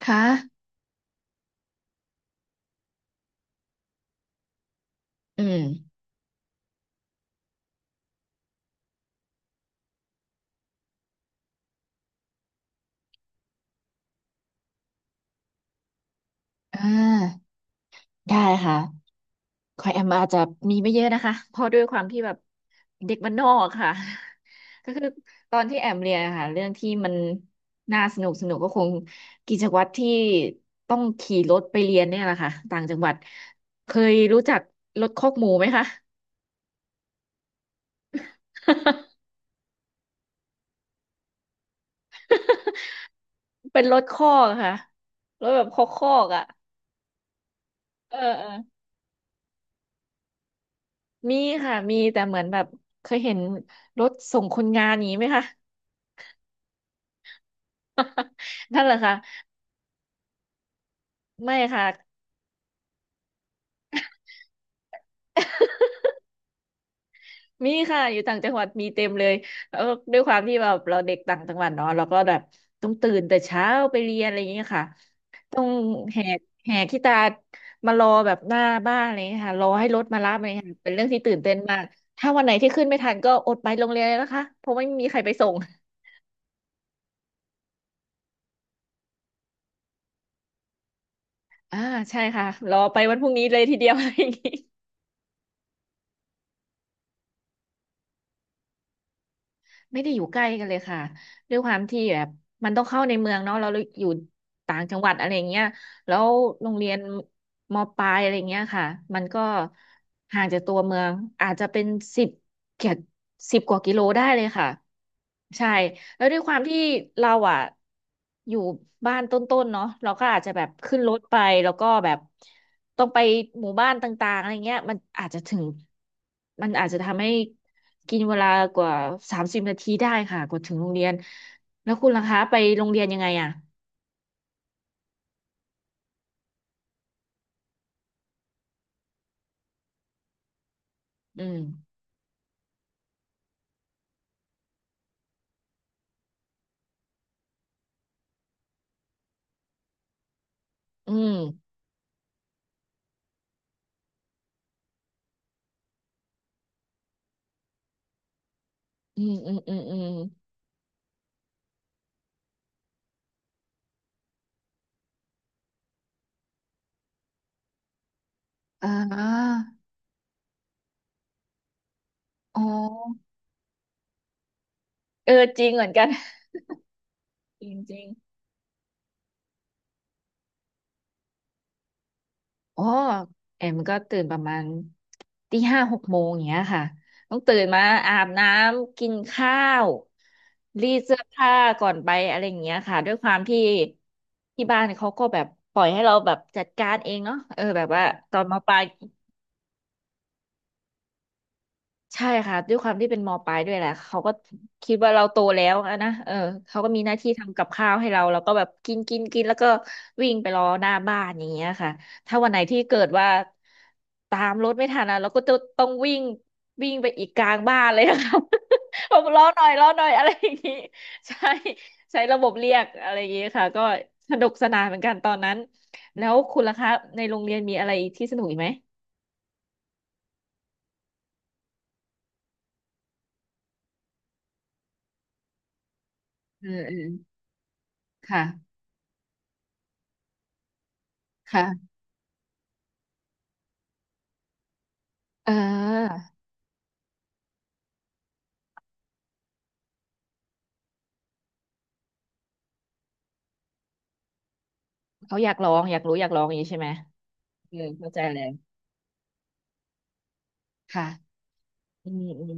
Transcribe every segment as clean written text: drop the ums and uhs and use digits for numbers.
ค่ะอืมอ่าได้ค่ะคอยแอมอาจจะมีไม่เยอะนะคะเพราะด้วยความที่แบบเด็กบ้านนอกค่ะ ก็คือตอนที่แอมเรียนอะค่ะเรื่องที่มันน่าสนุกสนุกก็คงกิจวัตรที่ต้องขี่รถไปเรียนเนี่ยแหละค่ะต่างจังหวัดเคยรู้จักรถคอกหมูไหมคะ เป็นรถคอกค่ะรถแบบคอกคอกอ่ะเออเออมีค่ะมีแต่เหมือนแบบเคยเห็นรถส่งคนงานอย่างนี้ไหมคะ นั่นแหละค่ะไม่ค่ะมีค่ะอยู่ต่างจังหวัดมีเต็มเลยแล้วด้วยความที่แบบเราเด็กต่างจังหวัดเนาะเราก็แบบต้องตื่นแต่เช้าไปเรียนอะไรอย่างเงี้ยค่ะต้องแหกแหกขี้ตามารอแบบหน้าบ้านอะไรอย่างเงี้ยค่ะรอให้รถมารับอะไรอย่างเงี้ยค่ะเป็นเรื่องที่ตื่นเต้นมากถ้าวันไหนที่ขึ้นไม่ทันก็อดไปโรงเรียนเลยนะคะเพราะไม่มีใครไปส่ง อ่าใช่ค่ะรอไปวันพรุ่งนี้เลยทีเดียว อะไรอย่างงี้ ไม่ได้อยู่ใกล้กันเลยค่ะด้วยความที่แบบมันต้องเข้าในเมืองเนาะเราอยู่ต่างจังหวัดอะไรอย่างเงี้ยแล้วโรงเรียนมปลายอะไรเงี้ยค่ะมันก็ห่างจากตัวเมืองอาจจะเป็นสิบเกือบ10 กว่ากิโลได้เลยค่ะใช่ แล้วด้วยความที่เราอ่ะอยู่บ้านต้นๆเนาะเราก็อาจจะแบบขึ้นรถไปแล้วก็แบบต้องไปหมู่บ้านต่างๆอะไรเงี้ยมันอาจจะถึงมันอาจจะทำให้กินเวลากว่า30 นาทีได้ค่ะกว่าถึงโรงเรียนแล้วคุณล่ะคะไปโรงเรียนยังไงอ่ะอืมอืมอืมอืมอืมอืมอ่าอ๋อเออจริงเหมือนกันจริงจริงอ๋อแอมก็ตื่นประมาณ ตี 56 โมงอย่างเงี้ยค่ะต้องตื่นมาอาบน้ำกินข้าวรีดเสื้อผ้าก่อนไปอะไรอย่างเงี้ยค่ะด้วยความที่ที่บ้านเขาก็แบบปล่อยให้เราแบบจัดการเองเนาะเออแบบว่าตอนมาปลาย ใช่ค่ะด้วยความที่เป็นมปลายด้วยแหละเขาก็คิดว่าเราโตแล้วอะนะเออเขาก็มีหน้าที่ทำกับข้าวให้เราเราก็แบบกินกินกินแล้วก็วิ่งไปรอหน้าบ้านอย่างเงี้ยค่ะถ้าวันไหนที่เกิดว่าตามรถไม่ทันอะเราก็จะต้องวิ่งวิ่งไปอีกกลางบ้านเลยอะค่ะ ผกรอหน่อยรอหน่อยอะไรอย่างงี้ใช่ใช้ระบบเรียกอะไรอย่างงี้ค่ะก็สนุกสนานเหมือนกันตอนนั้นแล้วคุณล่ะคะในโรงเรียนมีอะไรที่สนุกอีกไหมอเออมค่ะค่ะเออ เขาอยากลองอยากรู้อยากลองอย่างนี้ใช่ไหมเออเข้าใจเลยค่ะอืมอืม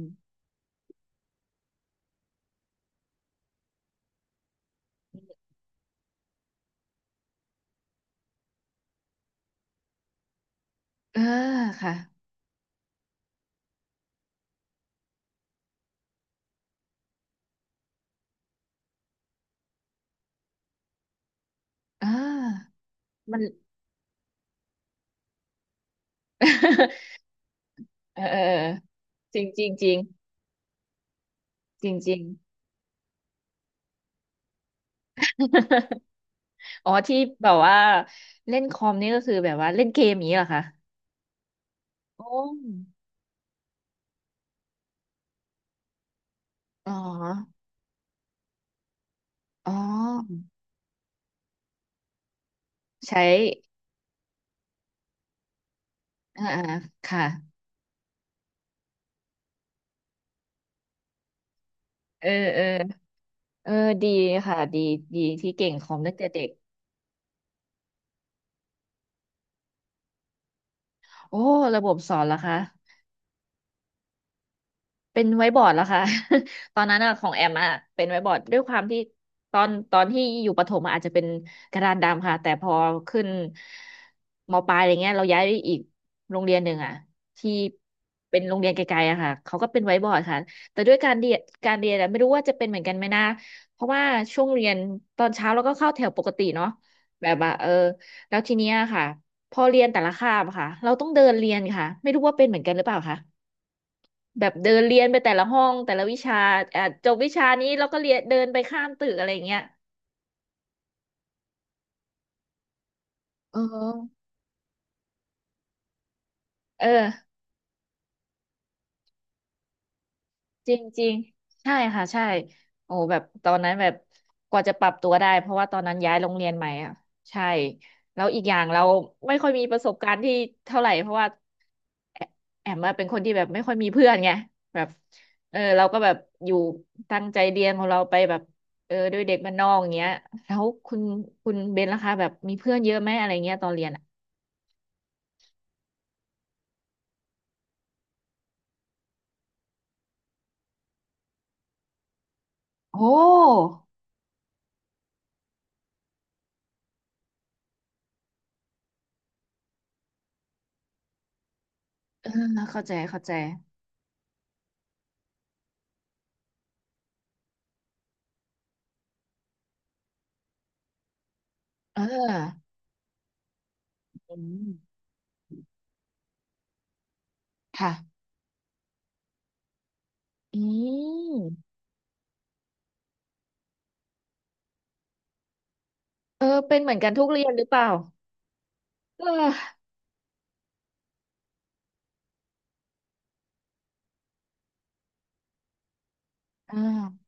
เออค่ะเออมัน เออเออเออจริงจริงจริงจริงจริง อ๋อที่แบบว่าเล่นคอมนี่ก็คือแบบว่าเล่นเกมอย่างนี้เหรอคะโอ้อ๋ออ๋อใช้อ่าอ่าค่ะเออเออเออดีค่ะดีดีที่เก่งคอมตั้งแต่เด็กโอ้ระบบสอนเหรอคะ เป็นไว้บอร์ดแล้วค่ะ ตอนนั้นอะของแอมอะเป็นไว้บอร์ดด้วยความที่ตอนที่อยู่ประถมอะอาจจะเป็นกระดานดำค่ะแต่พอขึ้นมปลายอะไรเงี้ยเราย้ายไปอีกโรงเรียนหนึ่งอะที่เป็นโรงเรียนไกลๆอะค่ะเขาก็เป็นไว้บอร์ดค่ะแต่ด้วยการเรียนอะไม่รู้ว่าจะเป็นเหมือนกันไหมนะเพราะว่าช่วงเรียนตอนเช้าเราก็เข้าแถวปกติเนาะแบบว่าเออแล้วทีเนี้ยค่ะพอเรียนแต่ละคาบอะค่ะเราต้องเดินเรียนค่ะไม่รู้ว่าเป็นเหมือนกันหรือเปล่าคะ แบบเดินเรียนไปแต่ละห้องแต่ละวิชาอ่ะจบวิชานี้เราก็เรียนเดินไปข้ามตึกอะไรอย่างเงี้ยเออเออ จริงจริงใช่ค่ะใช่โอ้แบบตอนนั้นแบบกว่าจะปรับตัวได้เพราะว่าตอนนั้นย้ายโรงเรียนใหม่อ่ะใช่แล้วอีกอย่างเราไม่ค่อยมีประสบการณ์ที่เท่าไหร่เพราะว่าแอแอมอะเป็นคนที่แบบไม่ค่อยมีเพื่อนไงแบบเออเราก็แบบอยู่ตั้งใจเรียนของเราไปแบบเออด้วยเด็กบ้านนอกอย่างเงี้ยแล้วคุณเบนล่ะคะแบบมีเพื่อนเยอะไหมอะไรเงี้ยตอนเรียนอ่ะโอ้เออเข้าใจเข้าใจเอออืมค่ะอืม เออเป็นเหมือนกันทุกเรียนหรือเปล่าเอออ่า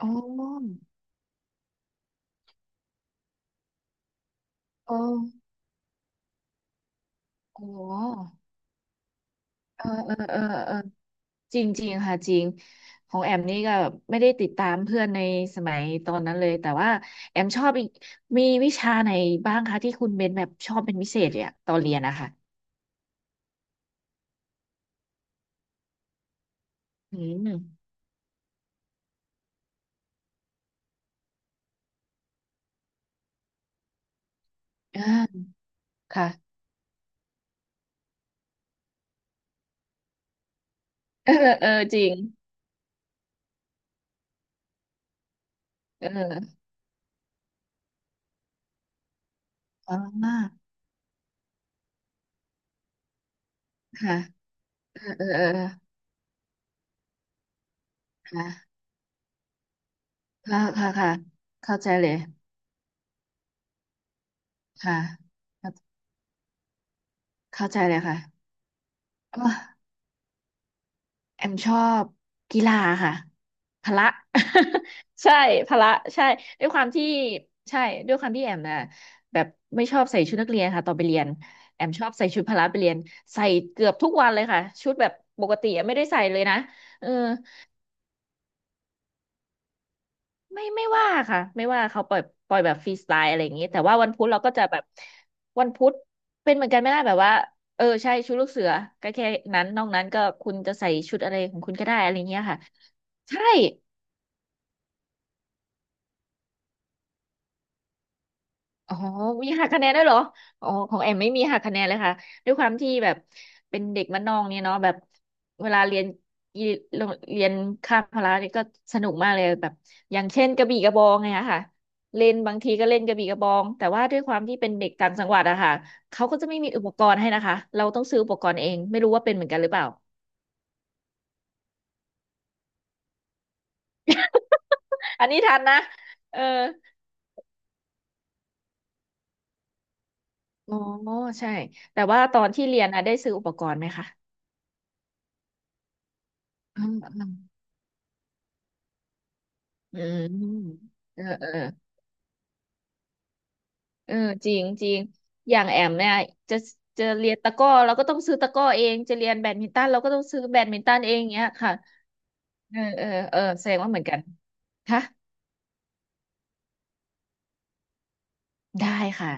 อ๋ออ๋ออ๋อเออเออเออเออจริงจริงค่ะจริงของแอมนี่ก็แบบไม่ได้ติดตามเพื่อนในสมัยตอนนั้นเลยแต่ว่าแอมชอบอีกมีวิชาไหนบ้างคะที่คุณเบนแบบชอบเป็นพิเศษเนี่ยตอนเรียนนะคะอืมอ่าค่ะเออเออจริงเอออ๋อค่ะเออเออเออค่ะค่ะค่ะค่ะเข้าใจเลยค่ะ เข้าใจเลยค่ะก็แอมชอบกีฬาค่ะพละ ใช่พละใช่ด้วยความที่ใช่ด้วยความที่แอมน่ะแบบไม่ชอบใส่ชุดนักเรียนค่ะตอนไปเรียนแอมชอบใส่ชุดพละไปเรียนใส่เกือบทุกวันเลยค่ะ ชุดแบบปกติอะไม่ได้ใส่เลยนะเออ ไม่ว่าค่ะไม่ว่าเขาปล่อยปล่อยแบบฟรีสไตล์อะไรอย่างนี้แต่ว่าวันพุธเราก็จะแบบวันพุธเป็นเหมือนกันไม่ได้แบบว่าเออใช่ชุดลูกเสือก็แค่นั้นนอกนั้นก็คุณจะใส่ชุดอะไรของคุณก็ได้อะไรเงี้ยค่ะใช่ อ๋อมีหักคะแนนด้วยเหรออ๋อของแอมไม่มีหักคะแนนเลยค่ะด้วยความที่แบบเป็นเด็กบ้านนอกเนี่ยเนาะแบบเวลาเรียนอีโรงเรียนคาบพละเนี่ยก็สนุกมากเลยแบบอย่างเช่นกระบี่กระบองไงอะค่ะเล่นบางทีก็เล่นกระบี่กระบองแต่ว่าด้วยความที่เป็นเด็กต่างจังหวัดอะค่ะเขาก็จะไม่มีอุปกรณ์ให้นะคะเราต้องซื้ออุปกรณ์เองไม่รู้ว่าเป็นเหมือนกันหรือเปล่า อันนี้ทันนะเอออ๋อใช่แต่ว่าตอนที่เรียนอะได้ซื้ออุปกรณ์ไหมคะอืมอืมอืมเออเออ เออจริงจริงอย่างแอมเนี่ยจะจะเรียนตะกร้อเราก็ต้องซื้อตะกร้อเองจะเรียนแบดมินตันเราก็ต้องซื้อแบดมินตันเองเนี้ยค่ะเออเออเออแสดงว่าเหมือนกันฮะได้ค่ะ